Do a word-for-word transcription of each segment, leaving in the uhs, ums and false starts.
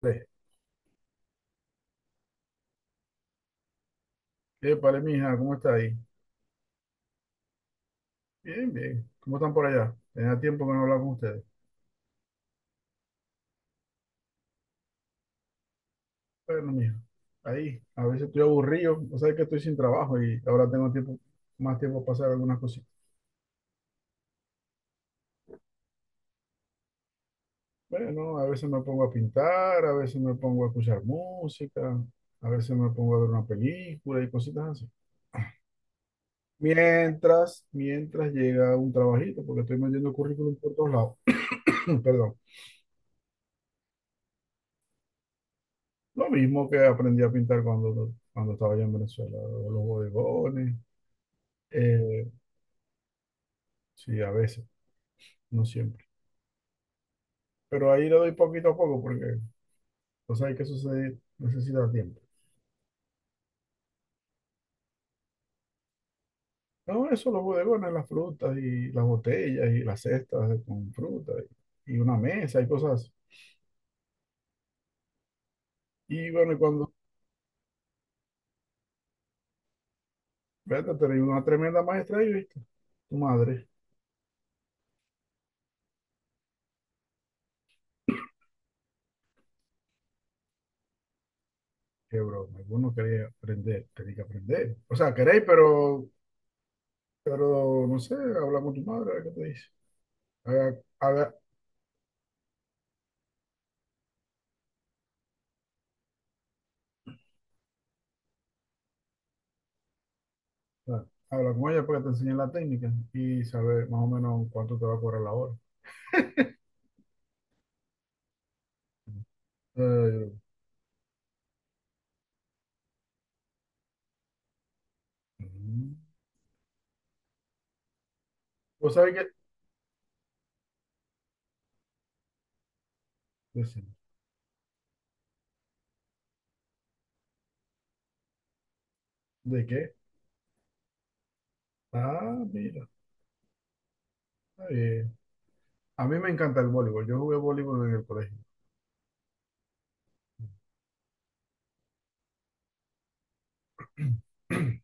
Tres. Épale, mija, ¿cómo está ahí? Bien, bien. ¿Cómo están por allá? Tenía tiempo que no hablaba con ustedes. Bueno, mija, ahí. A veces estoy aburrido, o sea que estoy sin trabajo y ahora tengo tiempo, más tiempo para hacer algunas cositas. Bueno, a veces me pongo a pintar, a veces me pongo a escuchar música, a veces me pongo a ver una película y cositas así. Mientras, mientras llega un trabajito, porque estoy metiendo currículum por todos lados. Perdón. Lo mismo que aprendí a pintar cuando, cuando estaba allá en Venezuela, los bodegones. eh, Sí, a veces, no siempre. Pero ahí le doy poquito a poco porque, o sea, hay que suceder, necesita tiempo. No, eso, los bodegones, las frutas y las botellas y las cestas de- con fruta y, y una mesa y cosas así. Y bueno, y cuando, fíjate, tenés una tremenda maestra ahí, ¿viste? Tu madre, qué broma. Vos no quería aprender, tenía que aprender. O sea, queréis, pero, pero, no sé, habla con tu madre, a ver qué te dice. Haga- haga- ah, habla con ella para que te enseñe la técnica y saber más o menos cuánto te va a cobrar la hora. Eh, Mm. ¿Vos sabés qué? Decime. ¿De qué? Ah, mira, está bien. A mí me encanta el voleibol. Yo jugué voleibol en el colegio.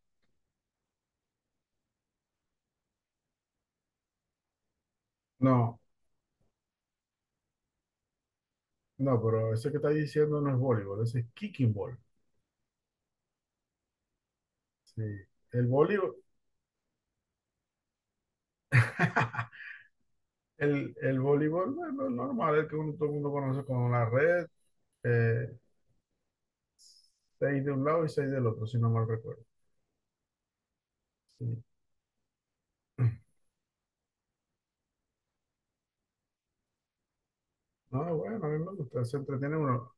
No, no, pero eso que estás diciendo no es voleibol, ese es kicking ball. Sí. El voleibol, el, el voleibol, bueno, normal, el que uno, todo el mundo conoce con la red, eh, seis de un lado y seis del otro, si no mal recuerdo. Sí. No, bueno, a mí me gusta, se entretiene uno.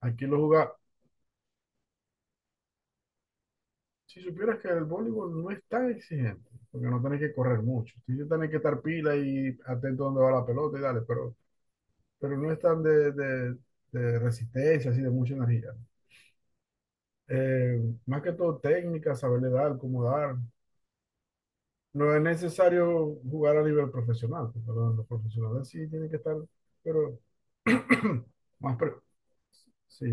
Aquí lo jugaba. Si supieras que el voleibol no es tan exigente, porque no tienes que correr mucho. Sí, yo tenés que estar pila y atento a dónde va la pelota y dale, pero, pero no es tan de, de- de resistencia, así de mucha energía. Eh, Más que todo técnica, saberle dar, cómo dar. No es necesario jugar a nivel profesional, porque los los profesionales sí tienen que estar, pero más, pre- sí.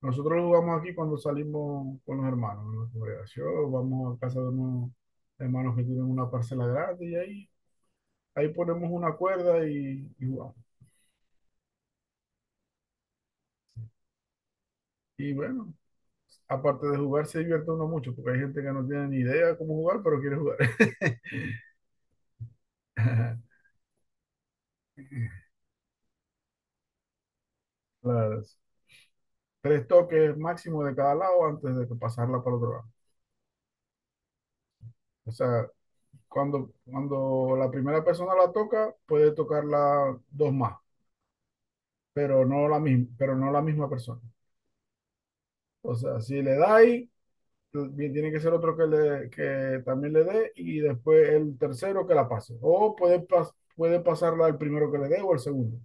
Nosotros lo jugamos aquí cuando salimos con los hermanos, en la congregación, vamos a casa de unos hermanos que tienen una parcela grande y ahí, ahí ponemos una cuerda y, y jugamos. Y bueno, aparte de jugar se divierte uno mucho, porque hay gente que no tiene ni idea cómo jugar, pero quiere jugar. Las tres toques máximo de cada lado antes de que pasarla para otro lado. O sea, cuando, cuando la primera persona la toca, puede tocarla dos más, pero no la misma, pero no la misma persona. O sea, si le dais bien, tiene que ser otro que, le, que también le dé y después el tercero que la pase. O puede, pas- puede pasarla al primero que le dé o al segundo,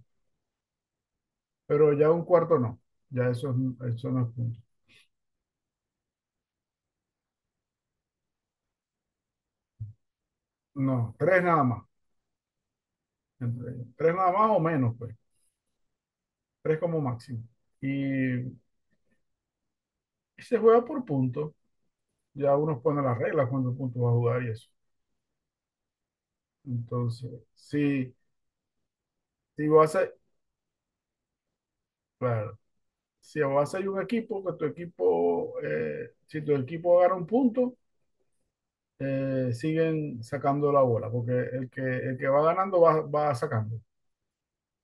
pero ya un cuarto no. Ya eso, es- eso no es punto. No, tres nada más. Entre- Tres nada más o menos, pues. Tres como máximo. Y se juega por puntos. Ya uno pone las reglas cuántos puntos va a jugar y eso. Entonces, si, si vas a, claro, si vas a ir un equipo, que tu equipo, eh, si tu equipo gana un punto, eh, siguen sacando la bola, porque el que, el que va ganando va, va sacando,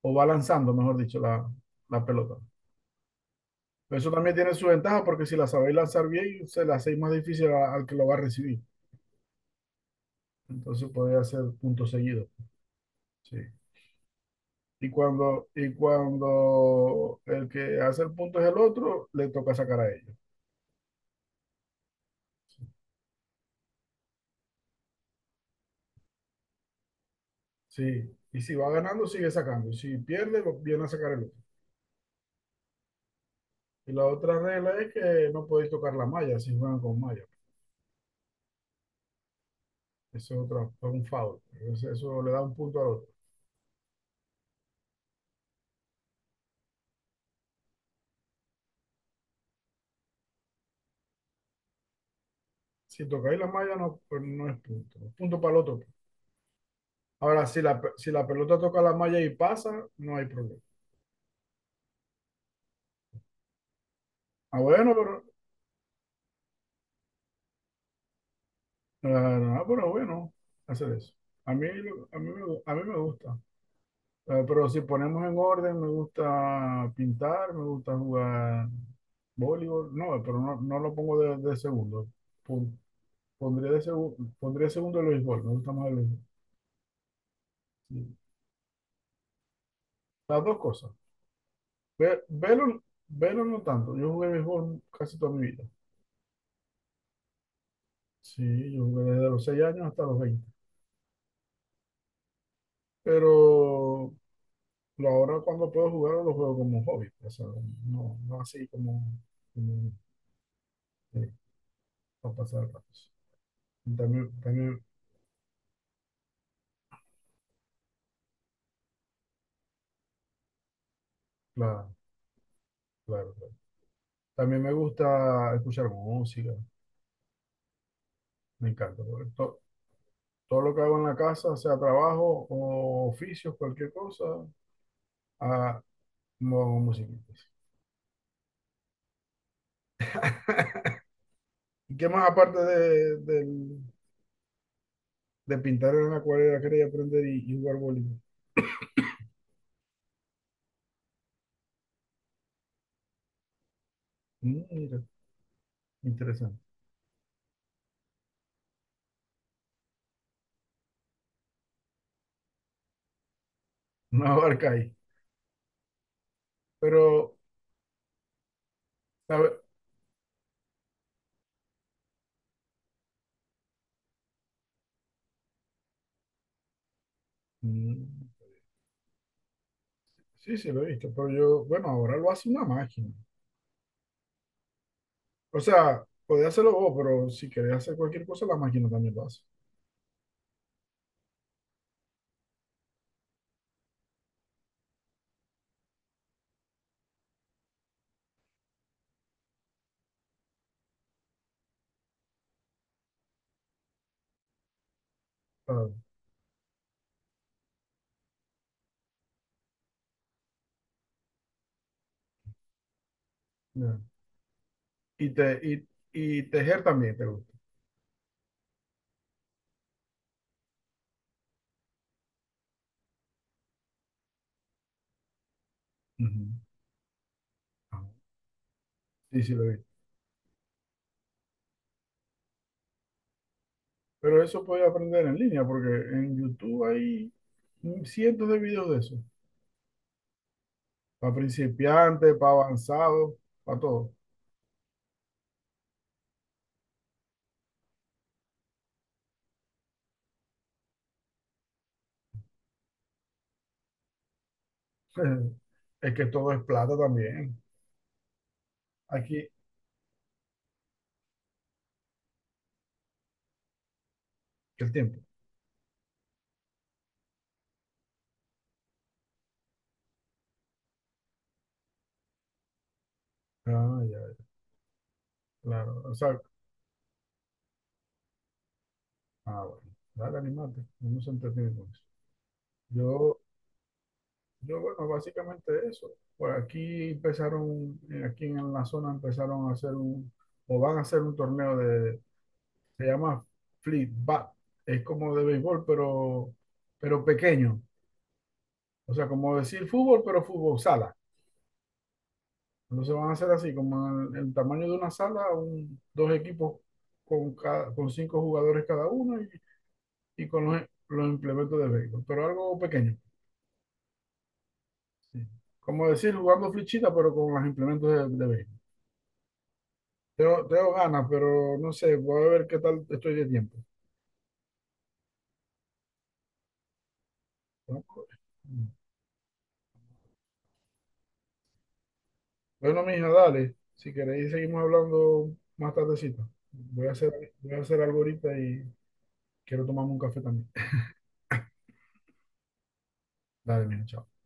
o va lanzando, mejor dicho, la, la pelota. Eso también tiene su ventaja, porque si la sabéis lanzar bien, se la hacéis más difícil a- al que lo va a recibir. Entonces podéis hacer puntos seguidos. Sí. Y cuando, y cuando el que hace el punto es el otro, le toca sacar a ellos. Sí. Y si va ganando, sigue sacando. Si pierde, lo viene a sacar el otro. Y la otra regla es que no podéis tocar la malla si juegan con malla. Eso es otro, es un foul. Entonces, eso le da un punto al otro. Si tocáis la malla, no, pues no es punto. Es punto para el otro. Ahora, si la, si la pelota toca la malla y pasa, no hay problema. Ah, bueno, pero, eh, ah, pero bueno, hacer eso. A mí, a mí, a mí me gusta. Eh, pero si ponemos en orden, me gusta pintar, me gusta jugar voleibol. No, pero no, no lo pongo de, de segundo. Pon- Pondría de segundo, pondría segundo el béisbol. Me gusta más el béisbol. Sí. Las dos cosas. Ve- Velo, velo no tanto. Yo jugué béisbol casi toda mi vida. Sí, yo jugué desde los seis años hasta los veinte. Pero lo- ahora cuando puedo jugar lo juego como hobby, pues. O sea, no, no así como, como, eh, para pasar el rato. Y También, también, claro, claro, claro. También me gusta escuchar música. Me encanta, porque to- todo lo que hago en la casa, sea trabajo o oficios, cualquier cosa, a, no hago musiquitas. ¿Y qué más aparte de, del de pintar en la acuarela quería aprender y, y jugar voleibol. Mm, mira, interesante. No abarca ahí. Pero, a ver, mm, sí, sí, lo he visto, pero yo, bueno, ahora lo hace una máquina. O sea, podés hacerlo vos, pero si querés hacer cualquier cosa, la máquina también lo hace. Ah, ya. Y, te, y, y tejer también te gusta. Ujú. Ah, sí, sí, lo he visto. Pero eso podés aprender en línea, porque en YouTube hay cientos de videos de eso. Para principiantes, para avanzados, para todo. Es que todo es plata también. Aquí, el tiempo. Ah, ya, claro. O sea, ah, bueno. Dale, animate. No se entretiene con eso. Yo, yo, bueno, básicamente eso. Pues aquí empezaron, eh, aquí en la zona empezaron a hacer un, o van a hacer un torneo de, se llama Fleet Bat. Es como de béisbol, pero, pero pequeño. O sea, como decir fútbol, pero fútbol sala. Entonces van a ser así, como el, el tamaño de una sala, un- dos equipos con, cada- con cinco jugadores cada uno y, y con los, los implementos de béisbol, pero algo pequeño. Sí. Como decir, jugando flechita, pero con los implementos de, de béisbol. Tengo, tengo ganas, pero no sé, voy a ver qué tal estoy de tiempo. ¿No? Bueno, mija, dale. Si queréis, seguimos hablando más tardecito. Voy a hacer, voy a hacer algo ahorita y quiero tomarme un café también. Dale, mija, chao.